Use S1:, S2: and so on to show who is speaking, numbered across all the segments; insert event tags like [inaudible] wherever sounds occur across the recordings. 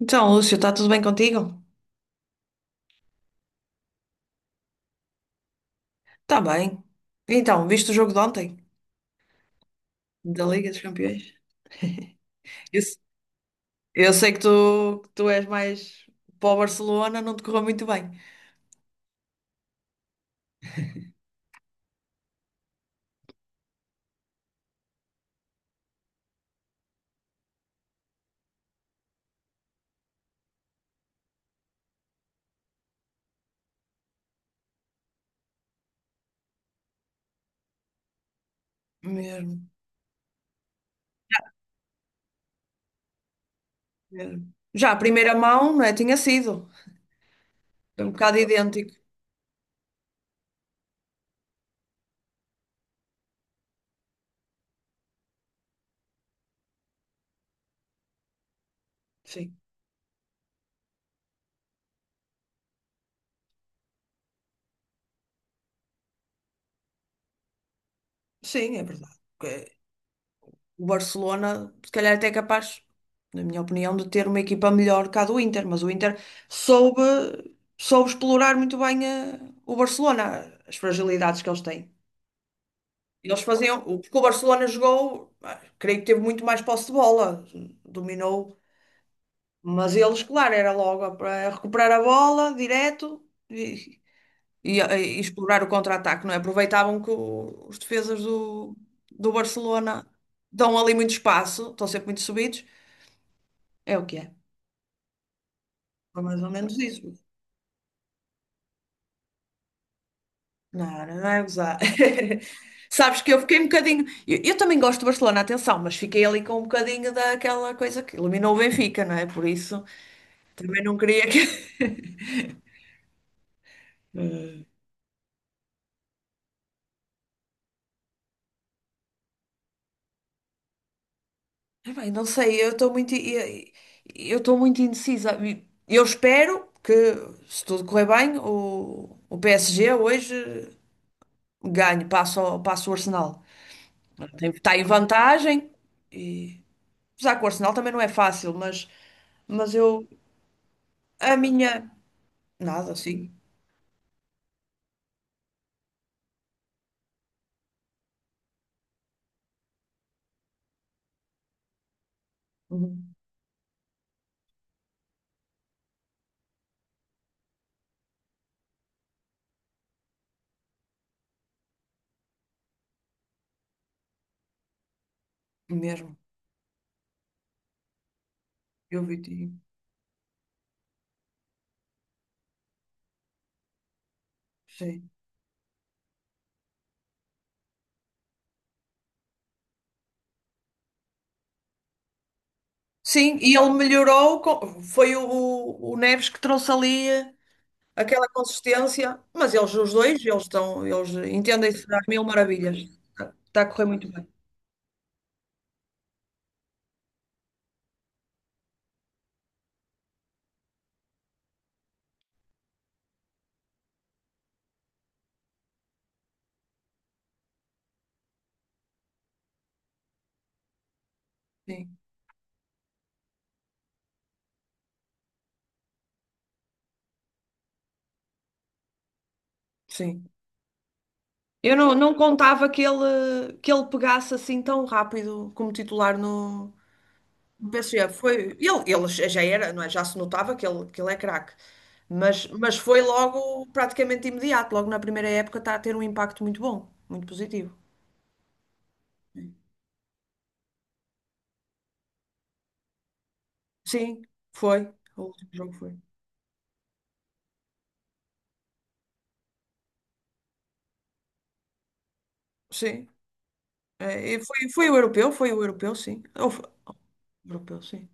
S1: Então, Lúcio, está tudo bem contigo? Está bem. Então, viste o jogo de ontem? Da Liga dos Campeões? Eu, se- eu sei que tu és mais para o Barcelona, não te correu muito bem. Mesmo, mesmo. Já a primeira mão, não é? Tinha sido. Foi um bocado idêntico. Sim, sim, é verdade. Porque o Barcelona, se calhar, até é capaz, na minha opinião, de ter uma equipa melhor que a do Inter, mas o Inter soube, soube explorar muito bem o Barcelona, as fragilidades que eles têm. Eles faziam, porque o Barcelona jogou, ah, creio que teve muito mais posse de bola, dominou, mas eles, claro, era logo para recuperar a bola direto e, e explorar o contra-ataque, não é? Aproveitavam que os defesas do Barcelona dão ali muito espaço, estão sempre muito subidos, é o que é. Foi mais ou menos isso. Não, não é gozar. [laughs] Sabes que eu fiquei um bocadinho. Eu também gosto do Barcelona, atenção, mas fiquei ali com um bocadinho daquela coisa que eliminou o Benfica, não é? Por isso. Também não queria que. Hum. Ah, bem, não sei, eu estou muito indecisa. Eu espero que, se tudo correr bem, o PSG hoje ganhe, passa o Arsenal. Está em vantagem, e, apesar que o Arsenal também não é fácil, mas eu, a minha, nada, sim. Uhum. Mesmo, eu vi, sim. Sim, e ele melhorou, foi o Neves que trouxe ali aquela consistência, mas eles, os dois, eles entendem-se a mil maravilhas. Está a correr muito bem. Sim, sim. Eu não contava que ele, pegasse assim tão rápido como titular no PSG. Foi, ele já era, não é? Já se notava que ele é craque. Mas foi logo, praticamente imediato, logo na primeira época, está a ter um impacto muito bom, muito positivo. Sim, foi. O último jogo foi. Sim. E foi o europeu, foi o europeu, sim. Europeu, sim.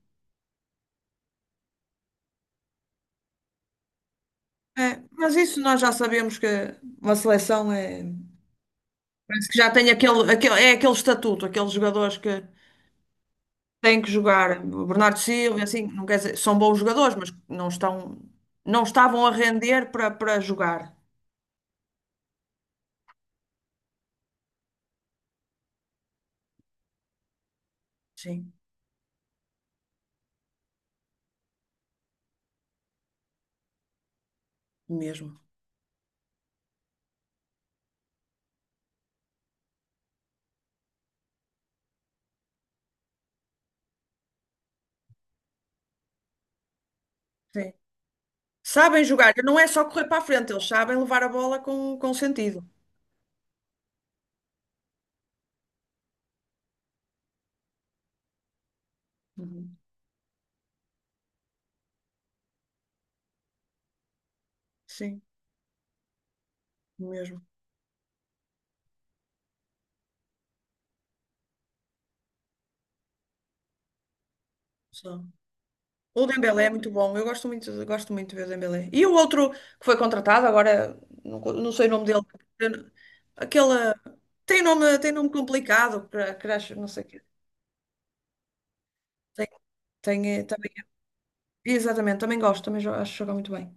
S1: É, mas isso nós já sabemos que uma seleção é. Parece que já tem aquele, é aquele estatuto, aqueles jogadores que têm que jogar. O Bernardo Silva, assim, não quer dizer, são bons jogadores, mas não estavam a render para jogar. Sim, mesmo. Sim. Sabem jogar, não é só correr para a frente, eles sabem levar a bola com sentido. Uhum. Sim, mesmo. O Dembélé é muito bom, eu gosto muito de ver o Dembélé. E o outro que foi contratado, agora não sei o nome dele. Eu- Aquele tem nome, complicado, crash, não sei o quê. Tem, também, exatamente, também gosto, também acho que joga muito bem.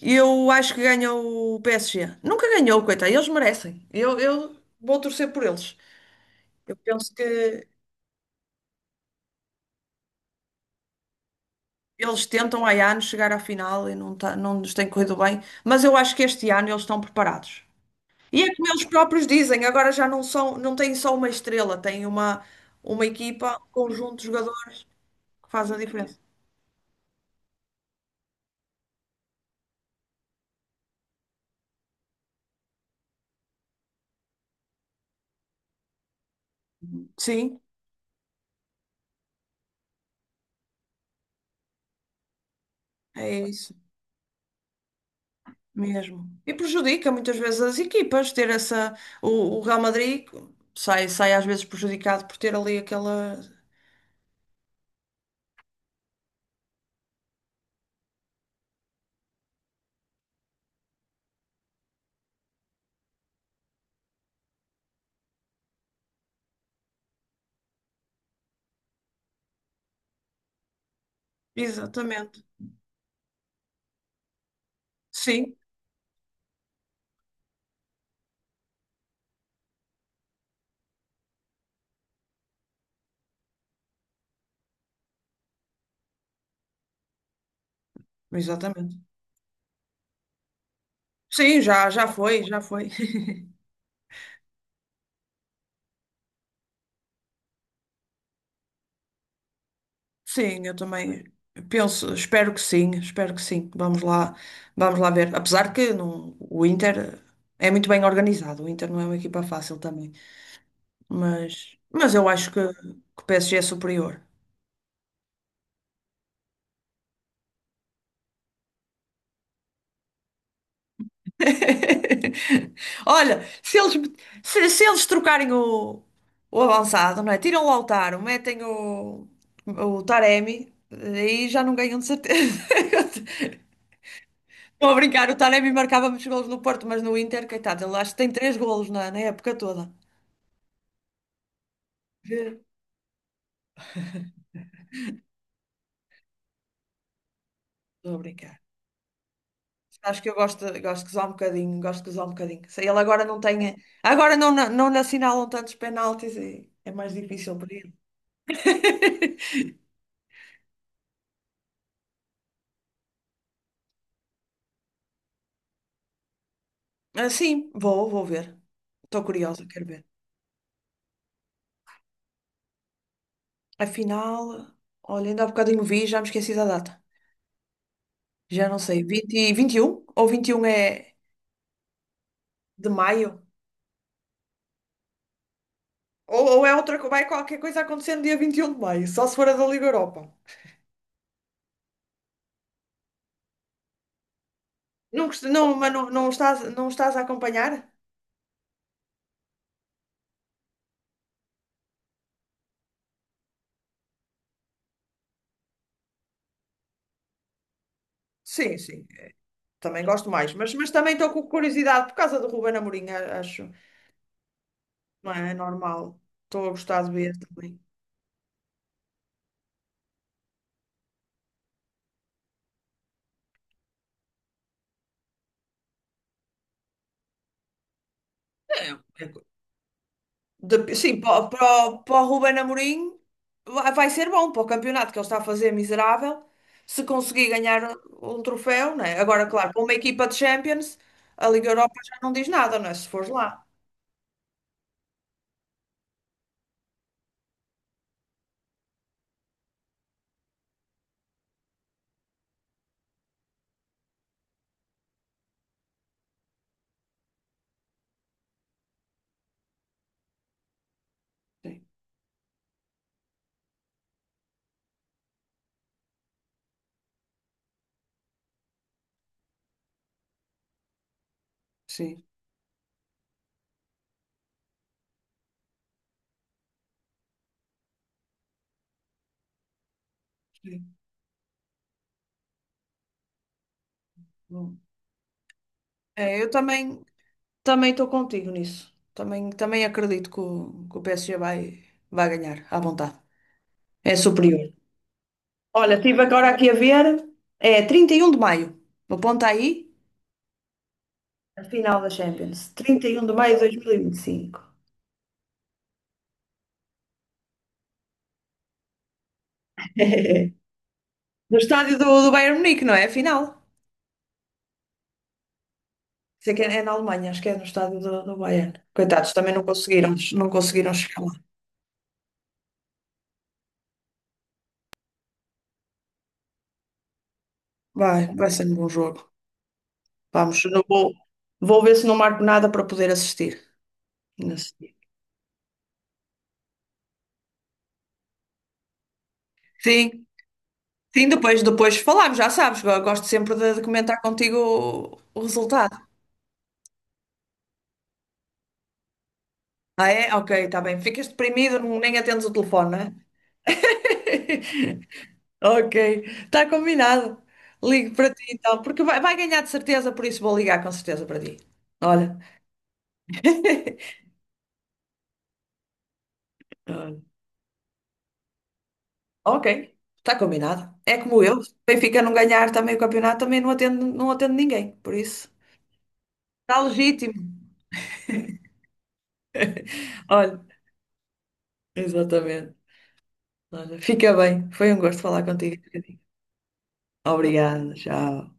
S1: Eu acho que ganha o PSG. Nunca ganhou, coitado, eles merecem. Eu vou torcer por eles. Eu penso que eles tentam há anos chegar à final e não, tá, não nos tem corrido bem, mas eu acho que este ano eles estão preparados. E é como eles próprios dizem, agora já não são, não têm só uma estrela, têm uma equipa, um conjunto de jogadores que faz a diferença. Sim, é isso mesmo. E prejudica muitas vezes as equipas ter essa. O, o Real Madrid sai às vezes prejudicado por ter ali aquela. Exatamente. Sim, exatamente. Sim, já foi, já foi. [laughs] Sim, eu também penso, espero que sim, espero que sim. Vamos lá ver. Apesar que não, o Inter é muito bem organizado, o Inter não é uma equipa fácil também mas eu acho que o, PSG É superior. [laughs] Olha, se eles, se eles trocarem o avançado, não é? Tiram o Lautaro, metem o Taremi, aí já não ganham de certeza. [laughs] Estou a brincar, o Taremi marcava muitos golos no Porto, mas no Inter, coitado, ele acho que tem três golos na época toda. Vê? Estou a brincar. Acho que eu gosto, gosto de usar um bocadinho, gosto de usar um bocadinho. Se ele agora não tem. Agora não, não lhe assinalam tantos penaltis e é mais difícil para ele. [laughs] Ah, sim, vou ver. Estou curiosa, quero ver. Afinal, olha, ainda há bocadinho vi, já me esqueci da data. Já não sei, 21 ou 21 é de maio? Ou é outra, vai qualquer coisa acontecendo dia 21 de maio, só se for a da Liga Europa. Não, não, mas não, não estás a acompanhar? Sim, sim. Também gosto mais, mas também estou com curiosidade por causa do Ruben Amorim, acho. Não é normal. Estou a gostar de ver também. É, é co- sim, para o Ruben Amorim vai ser bom para o campeonato que ele está a fazer miserável. Se conseguir ganhar um troféu, não é? Agora, claro, para uma equipa de Champions, a Liga Europa já não diz nada, não é? Se fores lá. Sim, sim. Bom. É, eu também estou contigo nisso. Também, também acredito que o PSG vai, vai ganhar à vontade. É superior. Olha, estive agora aqui a ver. É 31 de maio. Aponta aí a final da Champions. 31 de maio de 2025. [laughs] No estádio do Bayern Munique, não é? A final. Sei que é na Alemanha, acho que é no estádio do Bayern. Coitados, também não conseguiram chegar lá. Vai ser um bom jogo. Vamos, eu não vou, vou ver se não marco nada para poder assistir nesse dia. Sim, sim, depois falamos, já sabes, eu gosto sempre de comentar contigo o resultado. Ah, é? Ok, está bem. Ficas deprimido, nem atendes o telefone, não é? [laughs] Ok, está combinado. Ligo para ti então, porque vai ganhar de certeza, por isso vou ligar com certeza para ti. Olha. [laughs] Olha. Ok, está combinado. É como eu. Se o Benfica não ganhar também o campeonato, também não atendo ninguém, por isso. Está legítimo. Olha, exatamente. Olha, fica bem. Foi um gosto falar contigo. Obrigada, tchau.